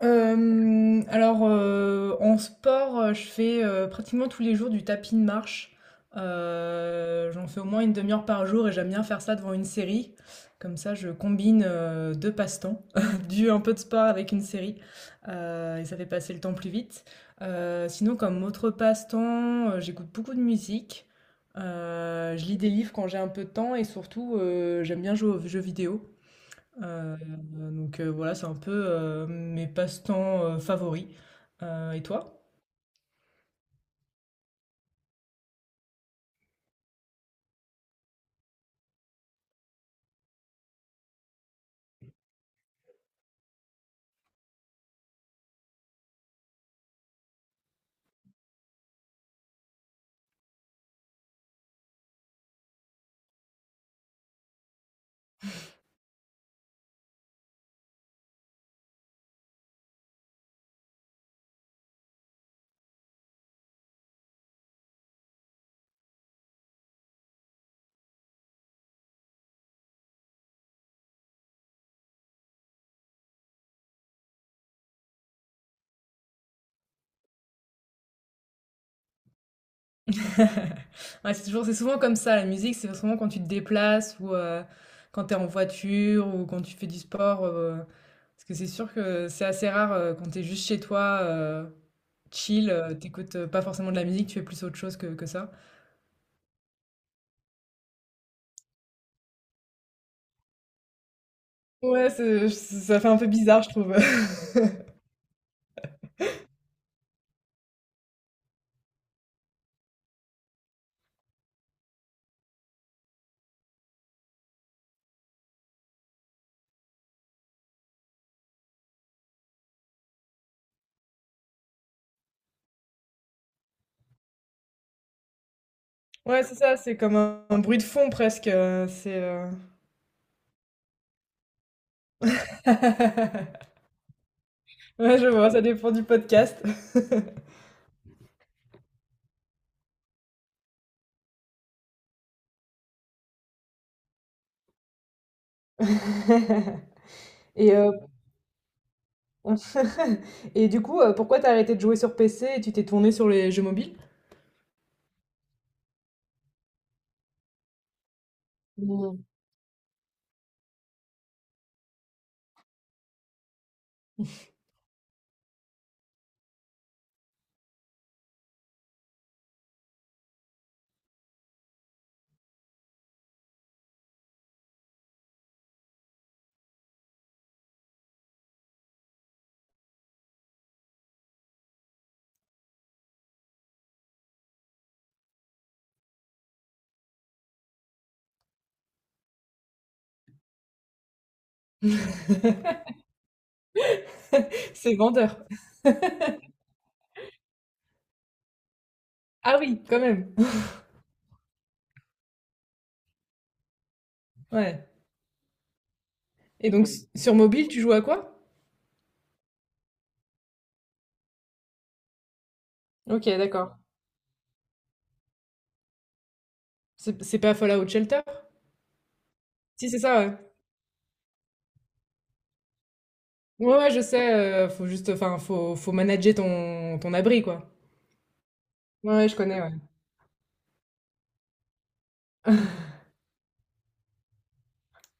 En sport, je fais, pratiquement tous les jours du tapis de marche. J'en fais au moins 1/2 heure par jour et j'aime bien faire ça devant une série. Comme ça, je combine, 2 passe-temps, du un peu de sport avec une série, et ça fait passer le temps plus vite. Sinon comme autre passe-temps, j'écoute beaucoup de musique. Je lis des livres quand j'ai un peu de temps et surtout, j'aime bien jouer aux jeux vidéo. Heu, donc voilà, c'est un peu, mes passe-temps, favoris. Et toi? Ouais, c'est souvent comme ça, la musique, c'est souvent quand tu te déplaces ou quand tu es en voiture ou quand tu fais du sport, parce que c'est sûr que c'est assez rare, quand tu es juste chez toi, chill, tu écoutes, pas forcément de la musique, tu fais plus autre chose que ça. Ouais, c'est ça fait un peu bizarre, je trouve. Ouais, c'est ça, c'est comme un bruit de fond presque, c'est, Ouais, je vois, ça dépend du podcast. Et, on- et du coup, pourquoi t'as arrêté de jouer sur PC et tu t'es tourné sur les jeux mobiles? Ou- C'est vendeur. Ah oui, quand même. Ouais. Et donc, sur mobile, tu joues à quoi? Ok, d'accord. C'est pas Fallout Shelter? Si, c'est ça, ouais. Ouais, ouais, je sais. Faut juste, enfin, faut manager ton, ton abri, quoi. Ouais, ouais, je connais, ouais.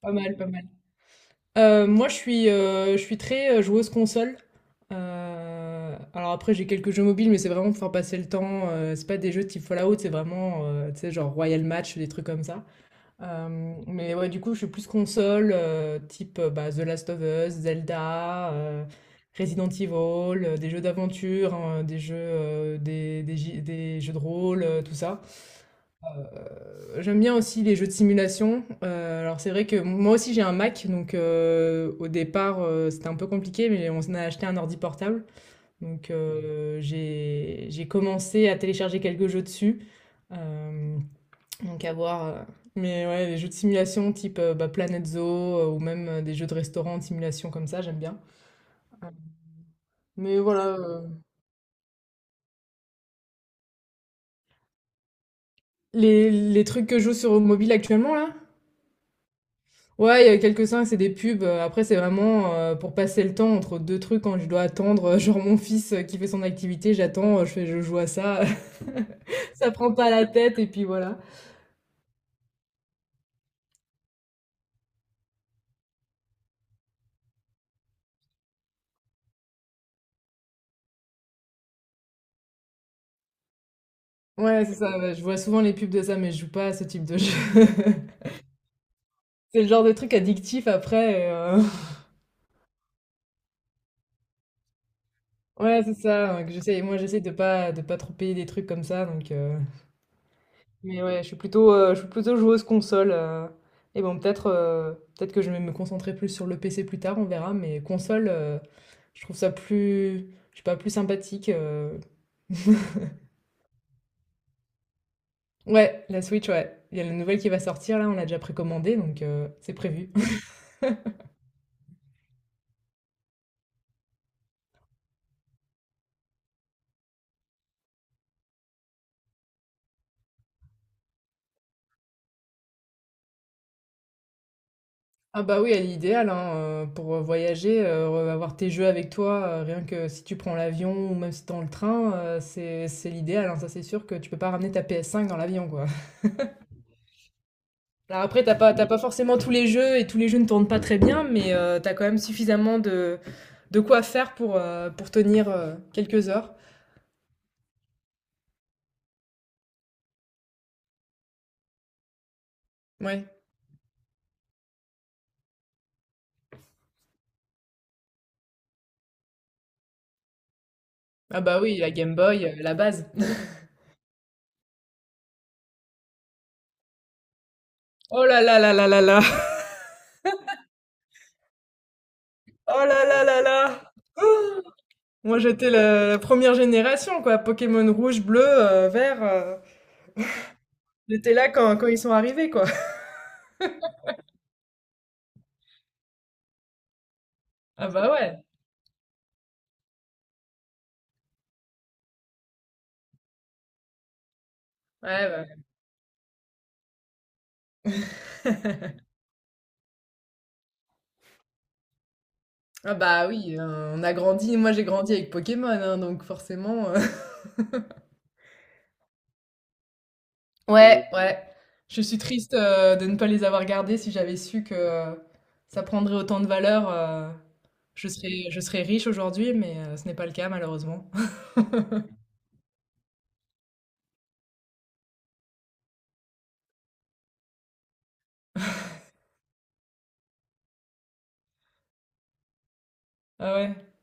Pas mal, pas mal. Moi, je suis très joueuse console. Alors après, j'ai quelques jeux mobiles, mais c'est vraiment pour faire passer le temps. C'est pas des jeux type Fallout, c'est vraiment, tu sais, genre Royal Match, des trucs comme ça. Mais ouais, du coup, je suis plus console, type bah, The Last of Us, Zelda, Resident Evil, des jeux d'aventure, hein, des jeux, des jeux de rôle, tout ça. J'aime bien aussi les jeux de simulation. Alors c'est vrai que moi aussi j'ai un Mac, donc au départ c'était un peu compliqué, mais on a acheté un ordi portable. Donc j'ai commencé à télécharger quelques jeux dessus. Euh, donc à voir. Mais ouais, les jeux de simulation type bah, Planet Zoo ou même des jeux de restaurant de simulation comme ça, j'aime bien. Euh, Mais voilà, les trucs que je joue sur mobile actuellement là, ouais, il y a quelques-uns, c'est des pubs. Après, c'est vraiment pour passer le temps entre deux trucs quand je dois attendre. Genre mon fils qui fait son activité, j'attends, je joue à ça. Ça prend pas la tête et puis voilà. Ouais, c'est ça. Ouais, je vois souvent les pubs de ça, mais je joue pas à ce type de jeu. C'est le genre de truc addictif après. Ouais, c'est ça. Que j'essaie. Moi, j'essaie de pas trop payer des trucs comme ça, donc. Mais ouais, je suis plutôt joueuse console. Et bon, peut-être que je vais me concentrer plus sur le PC plus tard, on verra. Mais console, je trouve ça plus, je sais pas, plus sympathique. Ouais, la Switch, ouais. Il y a la nouvelle qui va sortir, là, on l'a déjà précommandée, donc c'est prévu. Ah bah oui, elle est idéale hein, pour voyager, avoir tes jeux avec toi, rien que si tu prends l'avion ou même si t'es dans le train, c'est l'idéal, hein, ça c'est sûr que tu peux pas ramener ta PS5 dans l'avion, quoi. Alors après, t'as pas forcément tous les jeux et tous les jeux ne tournent pas très bien, mais t'as quand même suffisamment de quoi faire pour tenir quelques heures. Ouais. Ah bah oui, la Game Boy, la base. Oh là là là là là là. Oh là là là là. Moi, j'étais la première génération, quoi. Pokémon rouge, bleu, vert. J'étais là quand ils sont arrivés, quoi. Ah bah ouais. Ouais, bah. Ah bah oui, on a grandi. Moi, j'ai grandi avec Pokémon, hein, donc forcément. Ouais, ouais. Je suis triste de ne pas les avoir gardés. Si j'avais su que ça prendrait autant de valeur, je serais riche aujourd'hui, mais ce n'est pas le cas malheureusement. Ah ouais.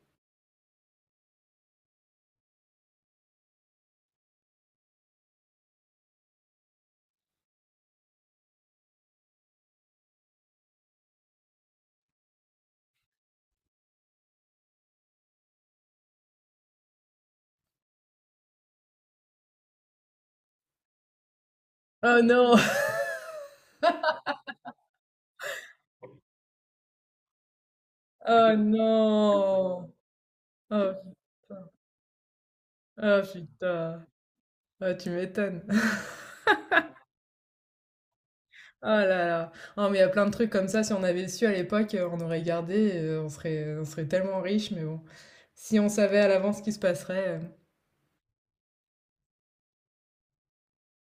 Oh non! Oh non! Oh putain. Oh putain. Ah, tu m'étonnes. Oh là là. Oh, mais il y a plein de trucs comme ça. Si on avait su à l'époque, on aurait gardé. On serait, on serait tellement riche. Mais bon, si on savait à l'avance ce qui se passerait.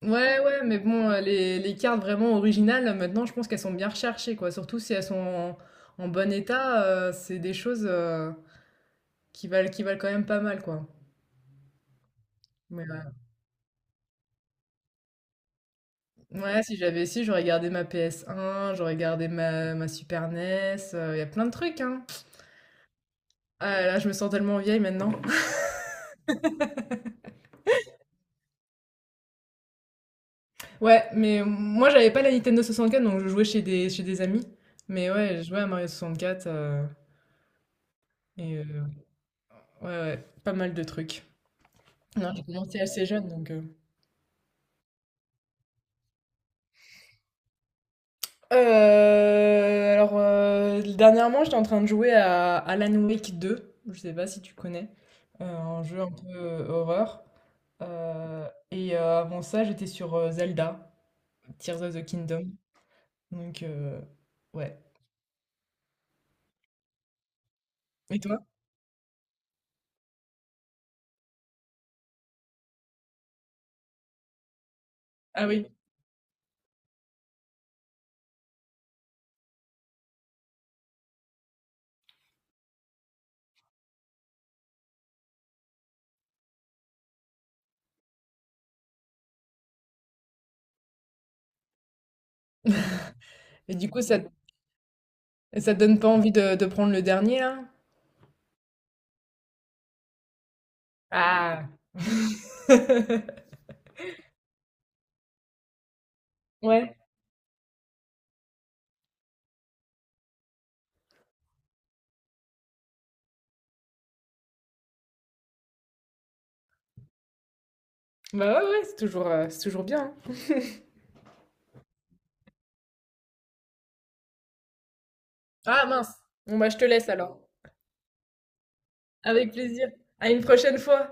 Ouais, ouais, mais bon, les cartes vraiment originales, maintenant, je pense qu'elles sont bien recherchées, quoi. Surtout si elles sont en en bon état, c'est des choses, qui valent quand même pas mal, quoi. Mais, heu, ouais, si j'avais si, j'aurais gardé ma PS1, j'aurais gardé ma Super NES, il y a plein de trucs, hein. Ah là je me sens tellement vieille maintenant. Ouais, mais moi, j'avais pas la Nintendo 64, donc je jouais chez des amis. Mais ouais, je jouais à Mario 64, et heu, ouais, ouais, pas mal de trucs. Non, j'ai commencé assez jeune, donc, Alors, dernièrement, j'étais en train de jouer à Alan Wake deux. Je sais pas si tu connais. Un jeu un peu horreur. Avant ça, j'étais sur Zelda, Tears of the Kingdom. Donc, ouais. Et toi? Ah oui. Et du coup, ça te donne pas envie de prendre le dernier, là? Ah! Ouais. Bah ouais, ouais, c'est toujours bien. Hein. Ah mince. Bon, bah, je te laisse alors. Avec plaisir. À une prochaine fois.